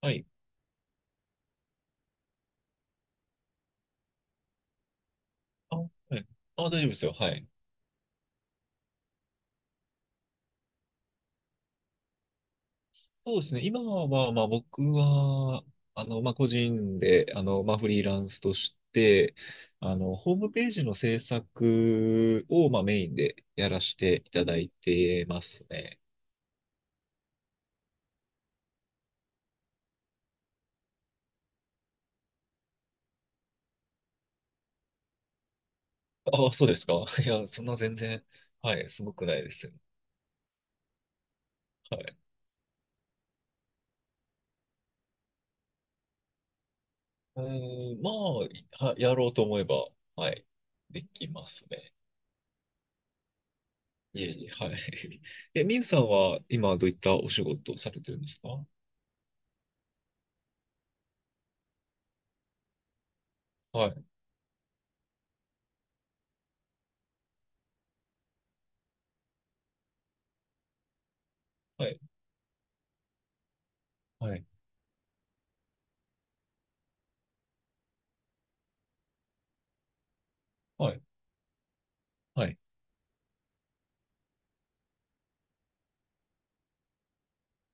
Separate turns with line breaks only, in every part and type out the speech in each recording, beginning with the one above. はい。あ、はい。あ、大丈夫ですよ。はい。そうですね。今は、僕は、個人で、フリーランスとして、ホームページの制作を、まあメインでやらせていただいてますね。あ、そうですか。いや、そんな全然、はい、すごくないですよ。はい。やろうと思えば、はい、できますね。いえいえ、はい。え、みゆさんは今どういったお仕事をされてるんですか？はい。はい。はい。はい。はい。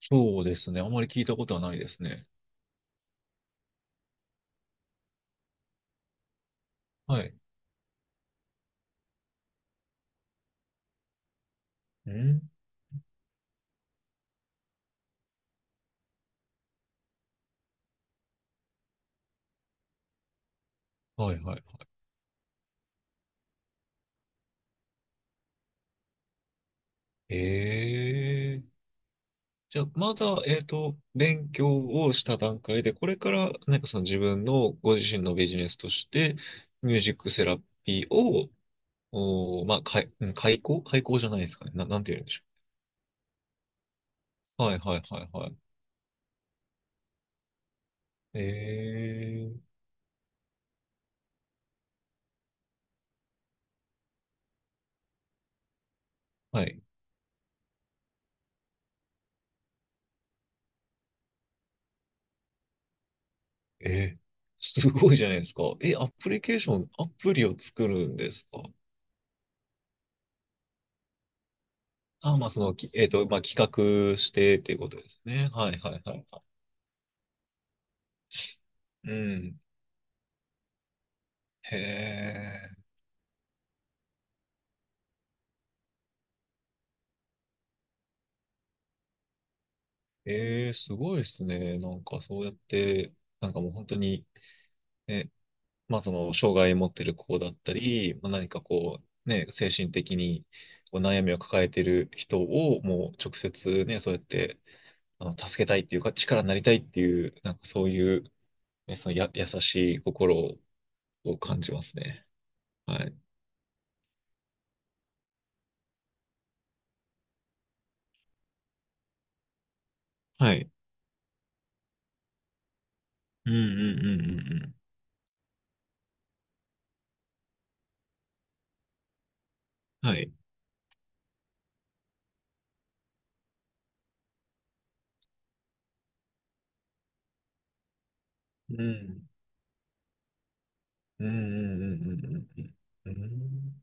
そうですね。あまり聞いたことはないですね。はい。うん。はいはいはい。ええ。じゃあ、まだ、勉強をした段階で、これから、なんかその自分のご自身のビジネスとして、ミュージックセラピーを、おー、まあ、かい、うん開講、じゃないですかね。なんて言うんでしょう。はいはいはいはい。ええ。はい。ええ。すごいじゃないですか。え、アプリケーション、アプリを作るんですか？あ、まあ、その、きえっと、まあ、企画してっていうことですね。はいはいはいはい。うん。へえ。ええ、すごいですね。なんかそうやって、なんかもう本当に、ね、まあその、障害持ってる子だったり、まあ、何かこう、ね、精神的にこう悩みを抱えてる人を、もう直接ね、そうやって、助けたいっていうか、力になりたいっていう、なんかそういう、ね、そのや、優しい心を感じますね。はい。はい。うんうんうんうんうん。はい。うん。うんうんうんうんうんうん。うん。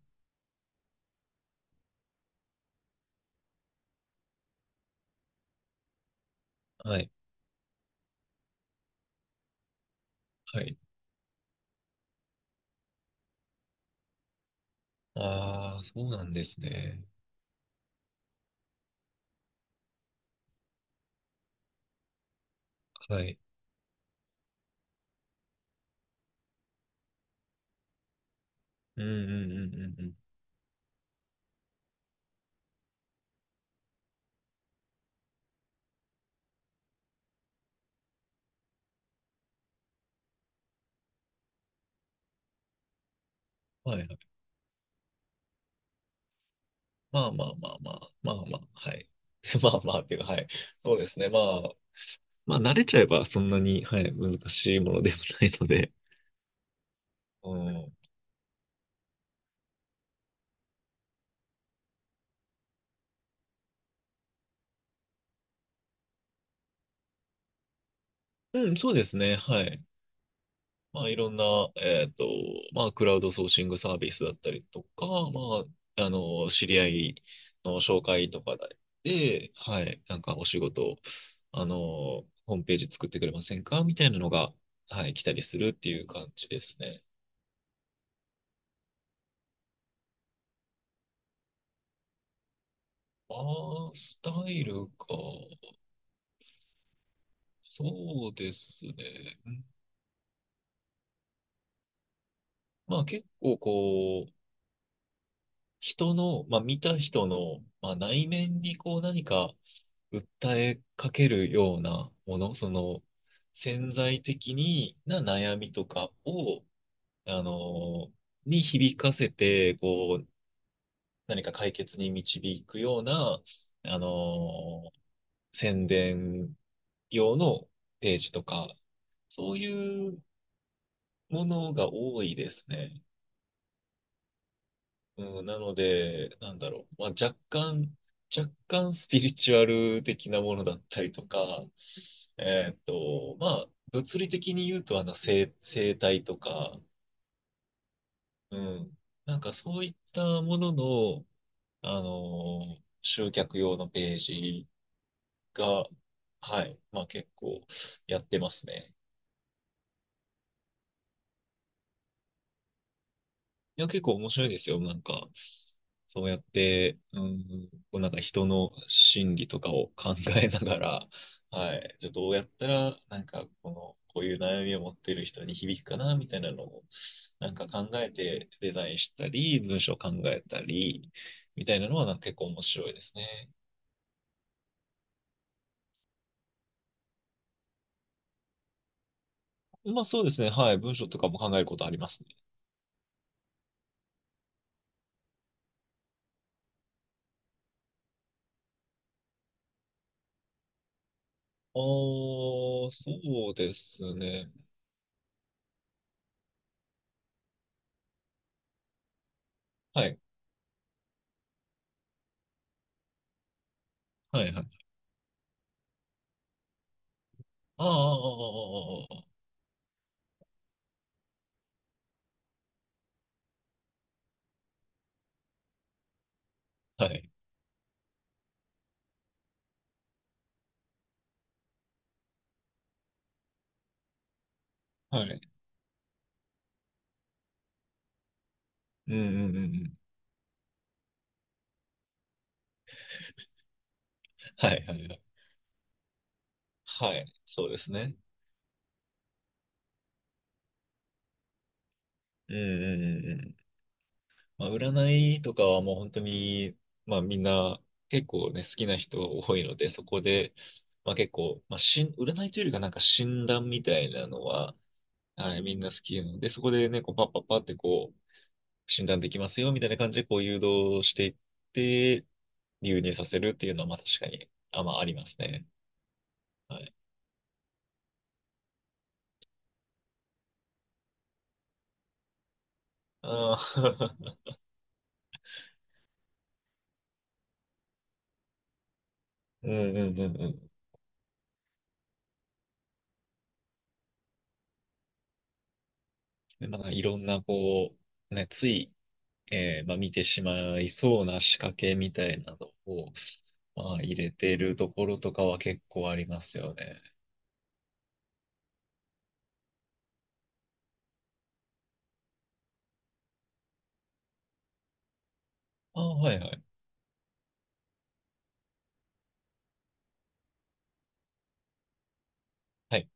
はい。はい。ああ、そうなんですね。はい。うんうんうんうんうん。はいはい。まあまあまあまあ。まあまあ。はい。まあまあっていうか、はい。そうですね。まあ。まあ、慣れちゃえばそんなに、はい、難しいものでもないので。うん。うん、そうですね。はい。まあ、いろんな、クラウドソーシングサービスだったりとか、知り合いの紹介とかで、はい、なんかお仕事、ホームページ作ってくれませんかみたいなのが、はい、来たりするっていう感じですね。ああ、スタイルか。そうですね。うん。まあ、結構こう、人の、まあ、見た人の、まあ、内面にこう何か、訴えかけるようなもの、その潜在的にな悩みとかを、あの、に響かせて、こう、何か解決に導くような、あの、宣伝用のページとか、そういうものが多いですね。うん、なので、なんだろう。若干スピリチュアル的なものだったりとか、まあ、物理的に言うと、あの、生態とか、うん。なんかそういったものの、集客用のページが、はい。まあ結構やってますね。いや、結構面白いですよ。なんか、そうやって、うん、こうなんか人の心理とかを考えながら、はい、じゃあどうやったら、こういう悩みを持っている人に響くかな、みたいなのを、なんか考えてデザインしたり、文章を考えたり、みたいなのはなんか結構面白いですね。まあそうですね、はい、文章とかも考えることありますね。そうですね。はい、はい、はい。ああ、ああ、ああ、ああ、はい。はい。うんうんうんうん。はいはいはい。はい、そうですね。うん。うんうんうんうん。まあ、占いとかはもう本当に、まあみんな結構ね、好きな人が多いので、そこで、まあ結構、まあしん、占いというよりかなんか診断みたいなのは、はい、みんな好きなので、そこでね、こうパッパッパってこう、診断できますよみたいな感じでこう誘導していって、流入させるっていうのはまあ確かに、まあありますね。はい。ああ、うんうんうんうん。でまあ、いろんな、ね、つい、まあ、見てしまいそうな仕掛けみたいなのを、まあ、入れてるところとかは結構ありますよね。ああ、はいはい。はい、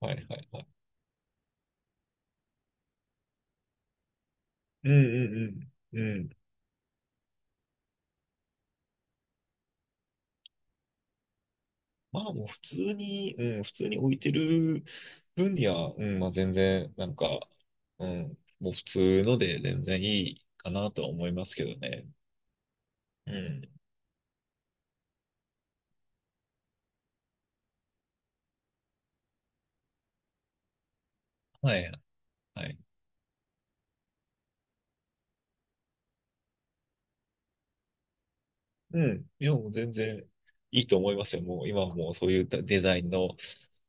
はい、はい、はい。うんうんうん。うん。まあもう普通に、うん、普通に置いてる分には、うん、まあ全然、なんか、うん、もう普通ので全然いいかなとは思いますけどね。うん。はい、はい。うん。いや、もう全然いいと思いますよ。もう今はもうそういうデザインの、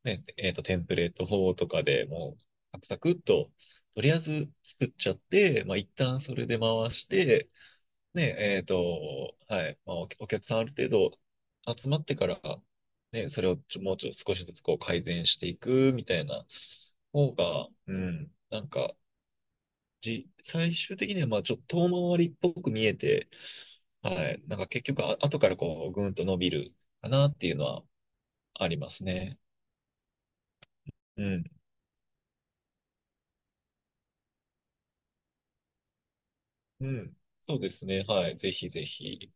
ね、テンプレート法とかでもう、サクサクっと、とりあえず作っちゃって、まあ、一旦それで回して、ね、はい、まあ、お客さんある程度集まってから、ね、それをもうちょっと少しずつこう改善していくみたいな方が、うん、なんか、最終的にはまあちょっと遠回りっぽく見えて、はい。なんか結局、あ、後からこう、ぐんと伸びるかなっていうのはありますね。うん。うん。そうですね。はい。ぜひぜひ。